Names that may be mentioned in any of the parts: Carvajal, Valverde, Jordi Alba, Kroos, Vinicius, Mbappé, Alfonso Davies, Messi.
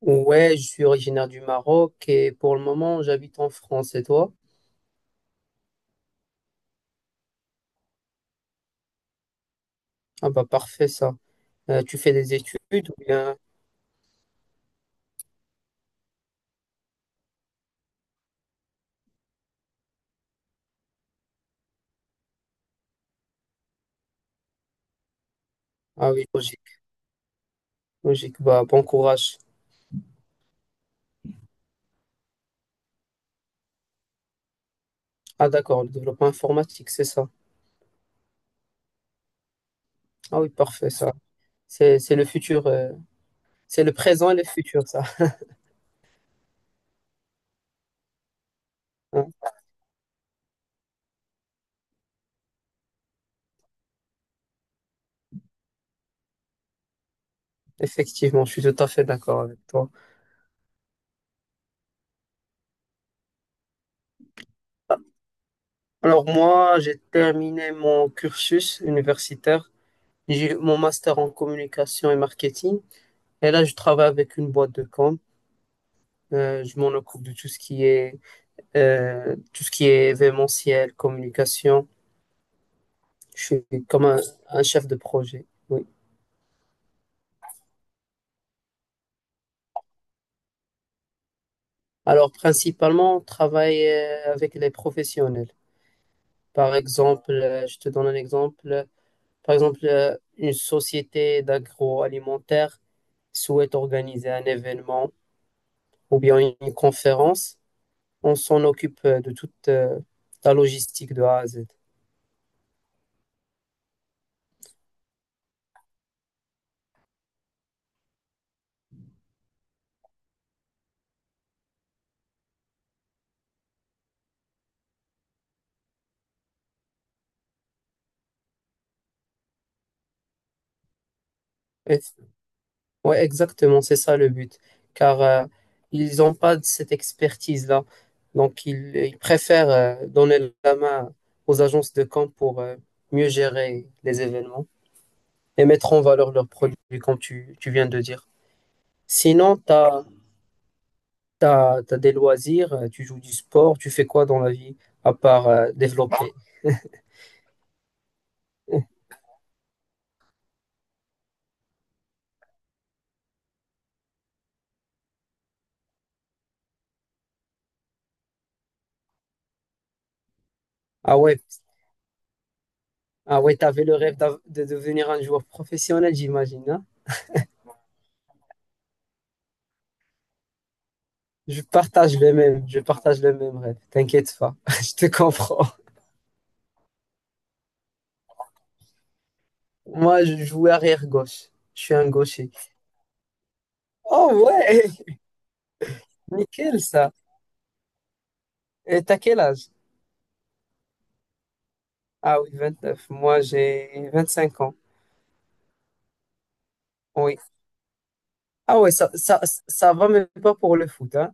Ouais, je suis originaire du Maroc et pour le moment, j'habite en France. Et toi? Ah bah parfait ça. Tu fais des études ou bien... Ah oui, logique, logique. Bah bon courage. Ah d'accord, le développement informatique, c'est ça. Ah oui, parfait ça. C'est le futur, c'est le présent et le futur ça. Hein. Effectivement, je suis tout à fait d'accord avec toi. Alors moi, j'ai terminé mon cursus universitaire. J'ai eu mon master en communication et marketing. Et là, je travaille avec une boîte de com. Je m'en occupe de tout ce qui est tout ce qui est événementiel, communication. Je suis comme un chef de projet. Oui. Alors principalement, on travaille avec les professionnels. Par exemple, je te donne un exemple. Par exemple, une société d'agroalimentaire souhaite organiser un événement ou bien une conférence. On s'en occupe de toute la logistique de A à Z. Ouais, exactement, c'est ça le but. Car ils n'ont pas de cette expertise-là. Donc, ils préfèrent donner la main aux agences de camp pour mieux gérer les événements et mettre en valeur leurs produits, comme tu viens de dire. Sinon, tu as, des loisirs, tu joues du sport, tu fais quoi dans la vie à part développer? Ah ouais, ah ouais, t'avais le rêve de devenir un joueur professionnel, j'imagine, hein. Je partage le même, je partage le même rêve. T'inquiète pas, je te comprends. Moi, je jouais arrière gauche. Je suis un gaucher. Oh ouais, nickel ça. Et t'as quel âge? Ah oui, 29. Moi, j'ai 25 ans. Oui. Ah ouais, ça va même pas pour le foot, hein.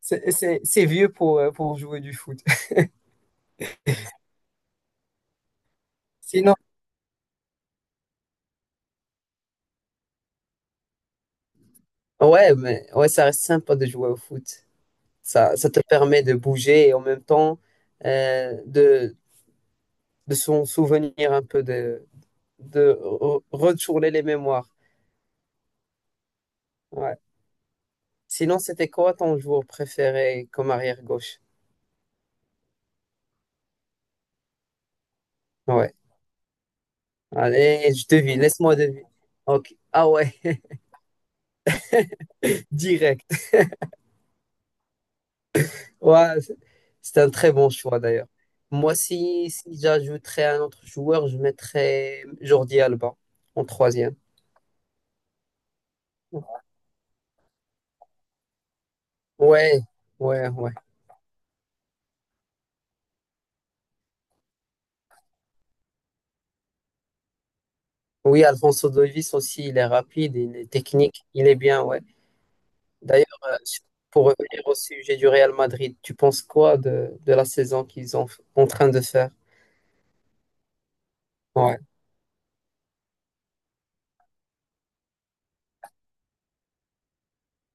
C'est vieux pour jouer du foot. Sinon, ouais, mais ouais, ça reste sympa de jouer au foot. Ça te permet de bouger et en même temps euh, de, de s'en souvenir un peu, de, retourner les mémoires. Ouais. Sinon, c'était quoi ton joueur préféré comme arrière-gauche? Ouais. Allez, je devine, laisse-moi deviner. Ok. Ah ouais, direct. Ouais, c'est un très bon choix d'ailleurs. Moi, si, si j'ajouterais un autre joueur, je mettrais Jordi Alba en troisième. Ouais, ouais, ouais. Oui, Alfonso Davies aussi, il est rapide, il est technique, il est bien, ouais. D'ailleurs, euh, pour revenir au sujet du Real Madrid, tu penses quoi de la saison qu'ils ont en train de faire? Ouais,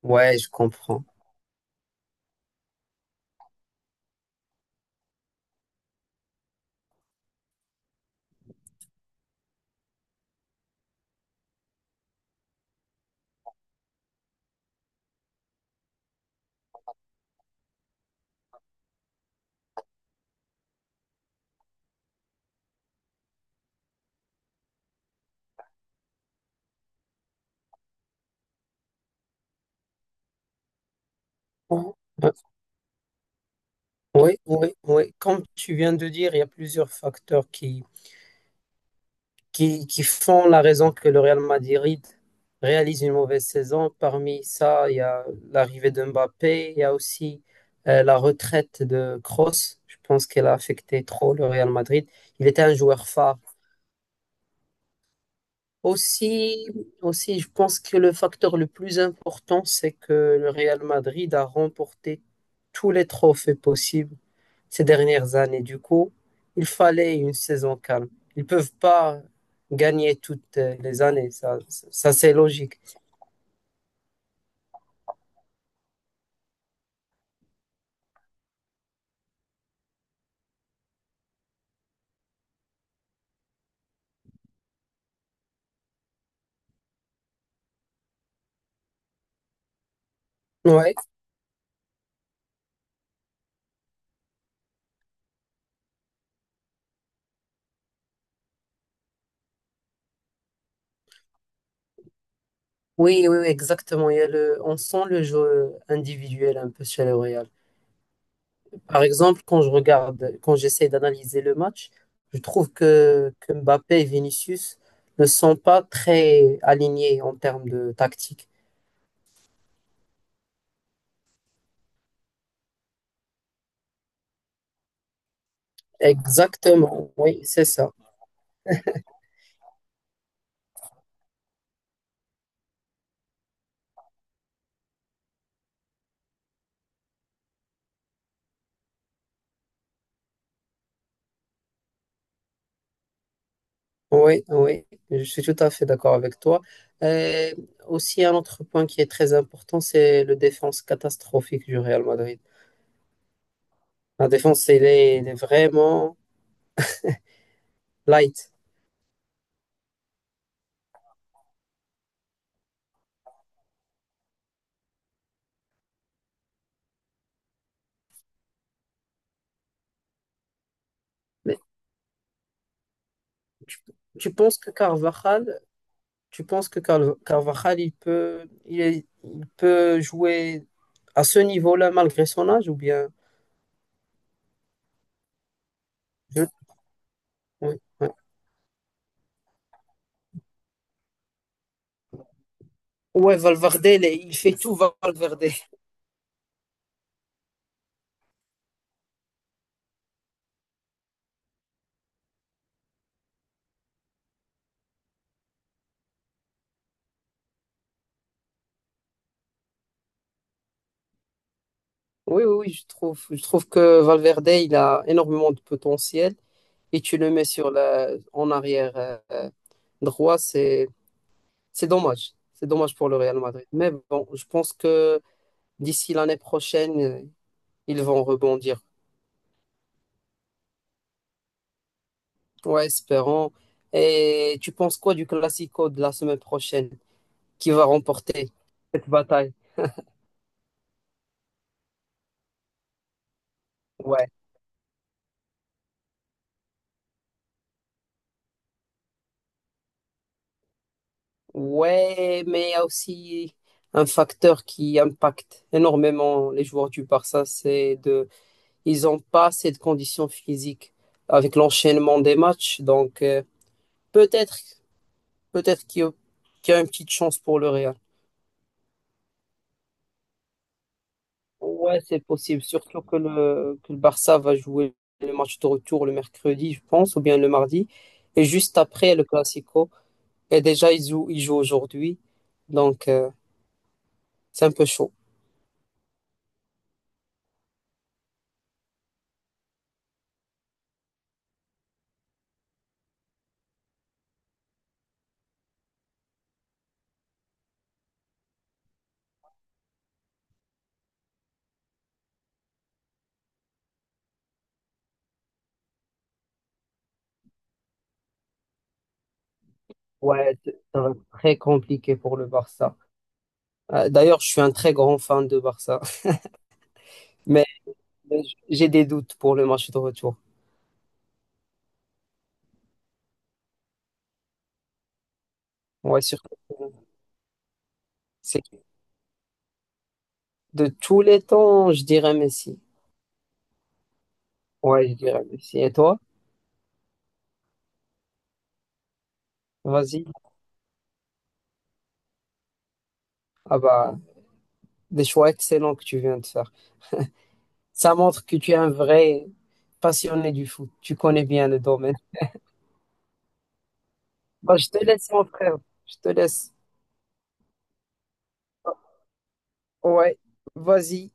ouais, je comprends. Ouais. Oui, oui, oui. Comme tu viens de dire, il y a plusieurs facteurs qui font la raison que le Real Madrid réalise une mauvaise saison. Parmi ça, il y a l'arrivée de Mbappé, il y a aussi la retraite de Kroos. Je pense qu'elle a affecté trop le Real Madrid. Il était un joueur phare. Aussi, aussi, je pense que le facteur le plus important, c'est que le Real Madrid a remporté tous les trophées possibles ces dernières années. Du coup, il fallait une saison calme. Ils ne peuvent pas gagner toutes les années. Ça c'est logique. Ouais. Oui, oui, oui, exactement. Il y a le, on sent le jeu individuel un peu chez le Real. Par exemple, quand je regarde, quand j'essaie d'analyser le match, je trouve que Mbappé et Vinicius ne sont pas très alignés en termes de tactique. Exactement, oui, c'est ça. Oui, oui, je suis tout à fait d'accord avec toi. Euh, Aussi, un autre point qui est très important, c'est le défense catastrophique du Real Madrid. La défense, elle est vraiment light. Mais tu, tu penses que Carvajal, tu penses que Carvajal, il peut, il est- il peut jouer à ce niveau-là malgré son âge ou bien? je- oui, oui. Ouais, Valverde, il est- il fait tout Valverde. Oui, oui, oui, je trouve que Valverde, il a énormément de potentiel. Et tu le mets sur la, en arrière euh, droit, c'est dommage. C'est dommage pour le Real Madrid. Mais bon, je pense que d'ici l'année prochaine, ils vont rebondir. Ouais, espérons. Et tu penses quoi du Classico de la semaine prochaine? Qui va remporter cette bataille? Ouais. Ouais, mais il y a aussi un facteur qui impacte énormément les joueurs du Barça, c'est de, ils n'ont pas assez de conditions physiques avec l'enchaînement des matchs. Donc, peut-être, peut-être qu'il y a une petite chance pour le Real. Ouais, c'est possible. Surtout que le Barça va jouer le match de retour le mercredi, je pense, ou bien le mardi. Et juste après le Classico. Et déjà, ils jouent aujourd'hui. Donc, c'est un peu chaud. Ouais, ça va être très compliqué pour le Barça. D'ailleurs, je suis un très grand fan de Barça. Mais, mais j'ai des doutes pour le match de retour. Ouais, surtout. C'est de tous les temps, je dirais Messi. Ouais, je dirais Messi. Et toi? Vas-y. Ah bah, des choix excellents que tu viens de faire. Ça montre que tu es un vrai passionné du foot. Tu connais bien le domaine. Bah, je te laisse, mon frère. Je te laisse. Ouais. Vas-y.